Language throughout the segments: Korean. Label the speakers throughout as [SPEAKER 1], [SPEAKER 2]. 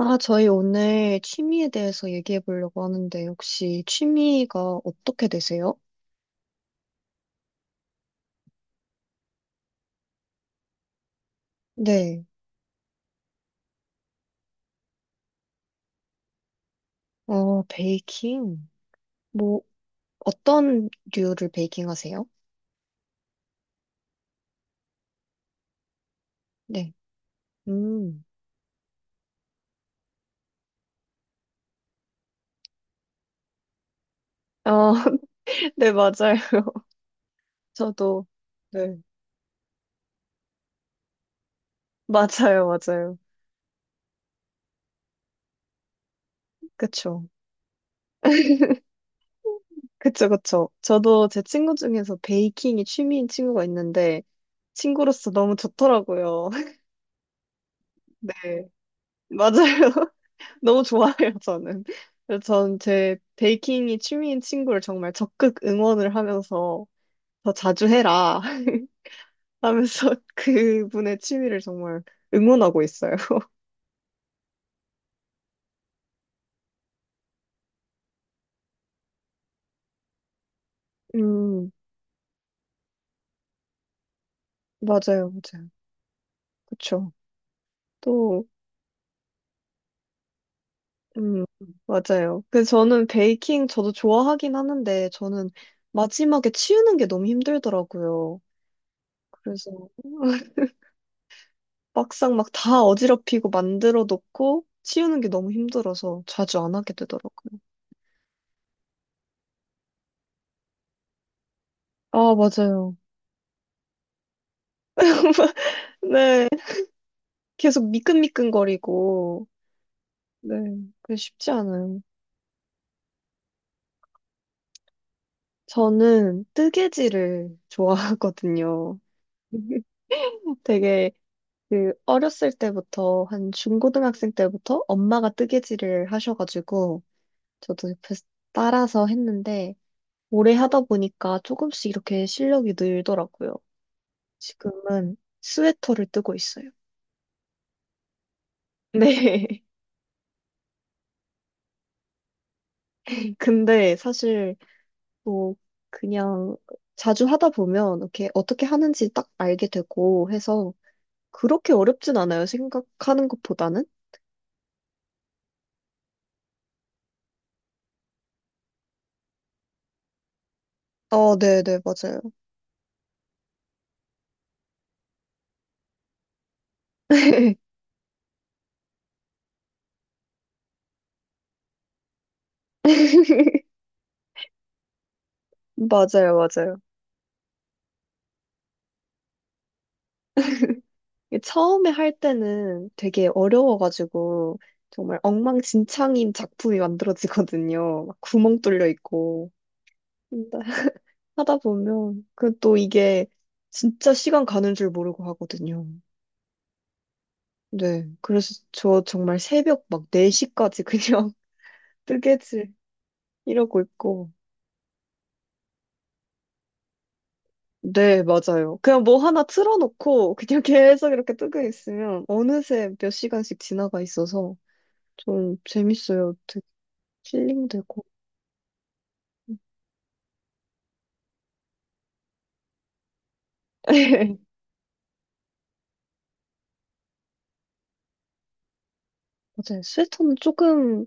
[SPEAKER 1] 아, 저희 오늘 취미에 대해서 얘기해 보려고 하는데, 혹시 취미가 어떻게 되세요? 네. 어, 베이킹. 뭐, 어떤 류를 베이킹 하세요? 네. 음. 어, 네, 맞아요. 저도. 네. 맞아요, 맞아요. 그쵸. 그쵸, 그쵸. 저도 제 친구 중에서 베이킹이 취미인 친구가 있는데, 친구로서 너무 좋더라고요. 네. 맞아요. 너무 좋아해요, 저는. 그래서 전 제 베이킹이 취미인 친구를 정말 적극 응원을 하면서 더 자주 해라, 하면서 그분의 취미를 정말 응원하고 있어요. 음, 맞아요, 맞아요. 그쵸. 또, 음, 맞아요. 그래서 저는 베이킹 저도 좋아하긴 하는데 저는 마지막에 치우는 게 너무 힘들더라고요. 그래서 막상 막 다 어지럽히고 만들어 놓고 치우는 게 너무 힘들어서 자주 안 하게 되더라고요. 아, 맞아요. 네. 계속 미끈미끈거리고. 네. 그 쉽지 않은. 저는 뜨개질을 좋아하거든요. 되게 그 어렸을 때부터 한 중고등학생 때부터 엄마가 뜨개질을 하셔가지고 저도 옆에서 따라서 했는데 오래 하다 보니까 조금씩 이렇게 실력이 늘더라고요. 지금은 스웨터를 뜨고 있어요. 네. 근데 사실 뭐 그냥 자주 하다 보면 이렇게 어떻게 하는지 딱 알게 되고 해서 그렇게 어렵진 않아요. 생각하는 것보다는. 아 네, 네, 맞아요. 맞아요, 맞아요. 이게 처음에 할 때는 되게 어려워가지고 정말 엉망진창인 작품이 만들어지거든요. 막 구멍 뚫려 있고. 근데 하다 보면 그 또 이게 진짜 시간 가는 줄 모르고 하거든요. 네. 그래서 저 정말 새벽 막 4시까지 그냥 뜨개질 이러고 있고. 네, 맞아요. 그냥 뭐 하나 틀어놓고 그냥 계속 이렇게 뜨고 있으면 어느새 몇 시간씩 지나가 있어서 좀 재밌어요. 되게 힐링되고. 맞아요. 스웨터는 조금,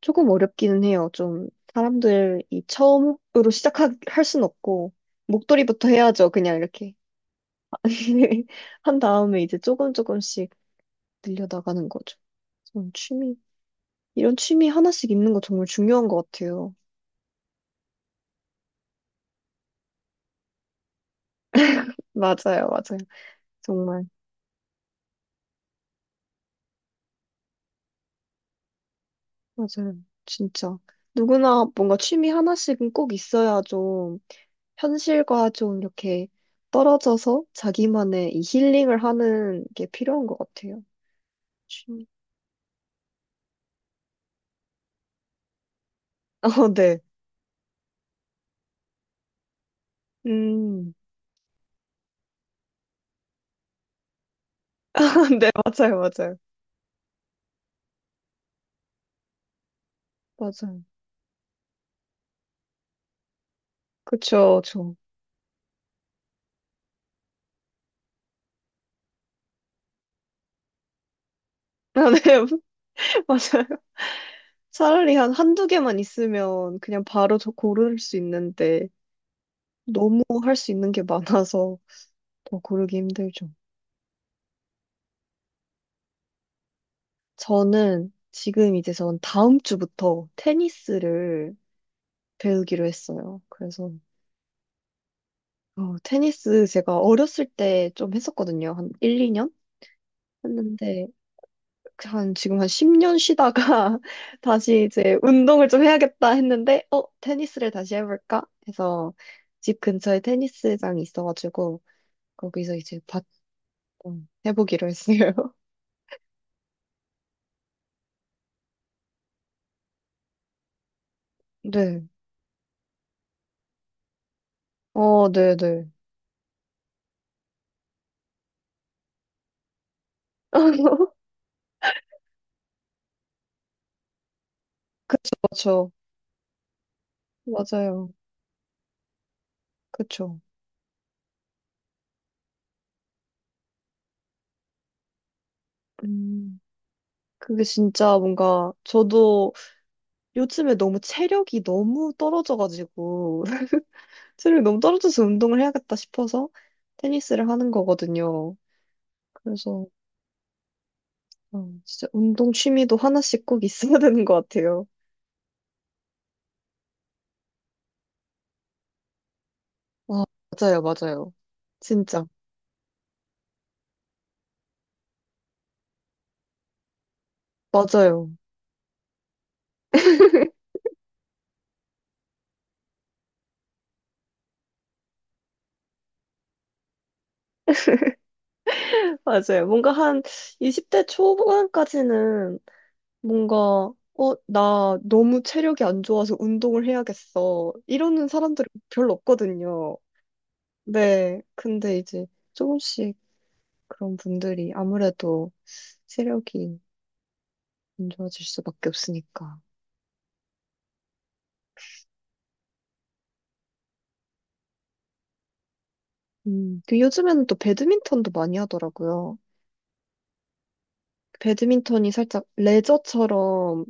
[SPEAKER 1] 조금 어렵기는 해요. 좀 사람들이 처음으로 시작할 순 없고 목도리부터 해야죠. 그냥 이렇게. 한 다음에 이제 조금 조금씩 늘려나가는 거죠. 저런 취미, 이런 취미 하나씩 있는 거 정말 중요한 것 같아요. 맞아요, 맞아요. 정말. 맞아요. 진짜. 누구나 뭔가 취미 하나씩은 꼭 있어야 좀 현실과 좀 이렇게 떨어져서 자기만의 이 힐링을 하는 게 필요한 것 같아요. 취미. 어, 네. 음. 네, 맞아요, 맞아요. 맞아요. 그쵸, 저. 아, 네, 맞아요. 차라리 한 한두 개만 있으면 그냥 바로 저 고를 수 있는데 너무 할 수 있는 게 많아서 더 고르기 힘들죠. 저는 지금 이제 전 다음 주부터 테니스를 배우기로 했어요. 그래서 테니스 제가 어렸을 때 좀 했었거든요. 한 1, 2년 했는데 한 지금 한 10년 쉬다가 다시 이제 운동을 좀 해야겠다 했는데 테니스를 다시 해볼까 해서 집 근처에 테니스장이 있어가지고 거기서 이제 어, 해보기로 했어요. 네. 어, 네, 네. 그렇죠. 맞아요. 그렇죠. 음. 그게 진짜 뭔가 저도 요즘에 너무 체력이 너무 떨어져가지고 체력이 너무 떨어져서 운동을 해야겠다 싶어서 테니스를 하는 거거든요. 그래서 진짜 운동 취미도 하나씩 꼭 있어야 되는 것 같아요. 아, 맞아요, 맞아요. 진짜. 맞아요. 맞아요. 뭔가 한 20대 초반까지는 뭔가 나 너무 체력이 안 좋아서 운동을 해야겠어. 이러는 사람들이 별로 없거든요. 네, 근데 이제 조금씩 그런 분들이 아무래도 체력이 안 좋아질 수밖에 없으니까. 그 요즘에는 또 배드민턴도 많이 하더라고요. 배드민턴이 살짝 레저처럼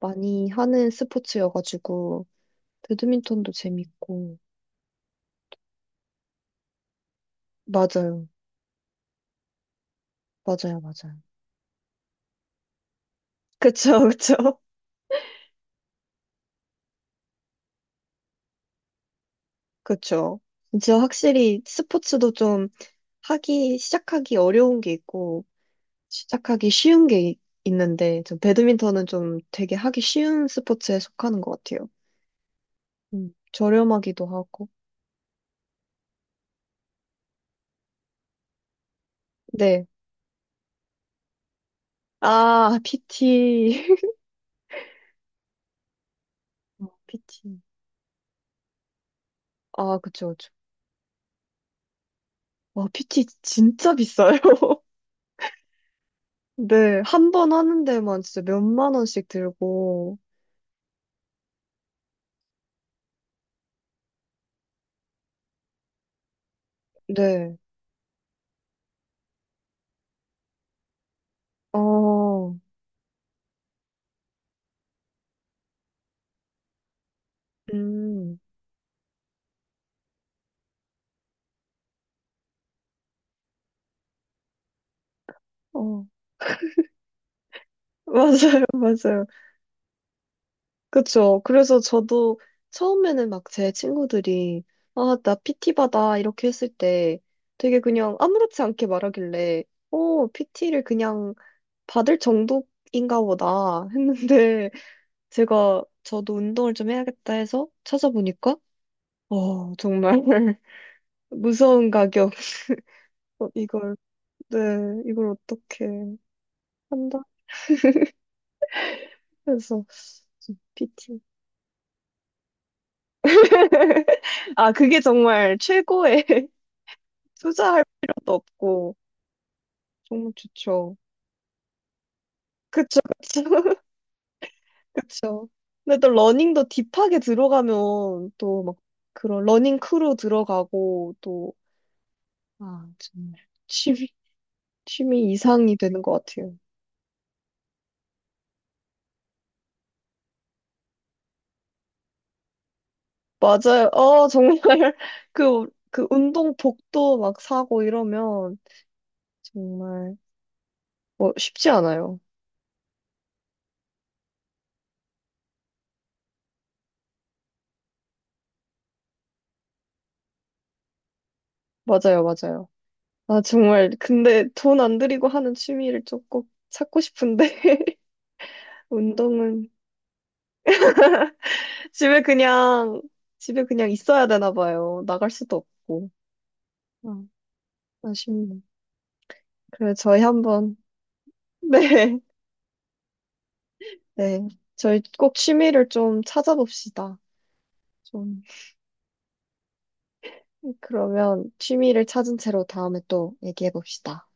[SPEAKER 1] 많이 하는 스포츠여가지고, 배드민턴도 재밌고. 맞아요. 맞아요, 맞아요. 그쵸, 그쵸. 그쵸. 진짜 확실히 스포츠도 좀 하기, 시작하기 어려운 게 있고, 시작하기 쉬운 게 있는데, 좀 배드민턴은 좀 되게 하기 쉬운 스포츠에 속하는 것 같아요. 저렴하기도 하고. 네. 아, PT. 어, PT. 아, 그쵸, 그쵸. 와, PT 진짜 비싸요. 네. 한 번 하는 데만 진짜 몇 만 원씩 들고. 네. 어, 음, 어, 맞아요, 맞아요. 그쵸. 그래서 저도 처음에는 막 제 친구들이, 아, 나 PT 받아. 이렇게 했을 때 되게 그냥 아무렇지 않게 말하길래, PT를 그냥 받을 정도인가 보다 했는데, 제가 저도 운동을 좀 해야겠다 해서 찾아보니까, 정말 무서운 가격. 이걸, 네, 이걸 어떻게 한다? 그래서 PT. 아, 그게 정말 최고의. 투자할 필요도 없고. 정말 좋죠. 그쵸, 그쵸, 그쵸. 근데 또 러닝도 딥하게 들어가면 또 막 그런 러닝 크루 들어가고 또, 아, 정말 취미, 취미 이상이 되는 것 같아요. 맞아요. 정말 그 운동복도 막 사고 이러면 정말 뭐 쉽지 않아요. 맞아요, 맞아요. 아, 정말 근데 돈 안 들이고 하는 취미를 조금 찾고 싶은데. 운동은 집에 그냥, 집에 그냥 있어야 되나 봐요. 나갈 수도 없고. 아, 아쉽네. 그래, 저희 한번, 네, 네. 저희 꼭 취미를 좀 찾아봅시다. 좀, 그러면 취미를 찾은 채로 다음에 또 얘기해 봅시다.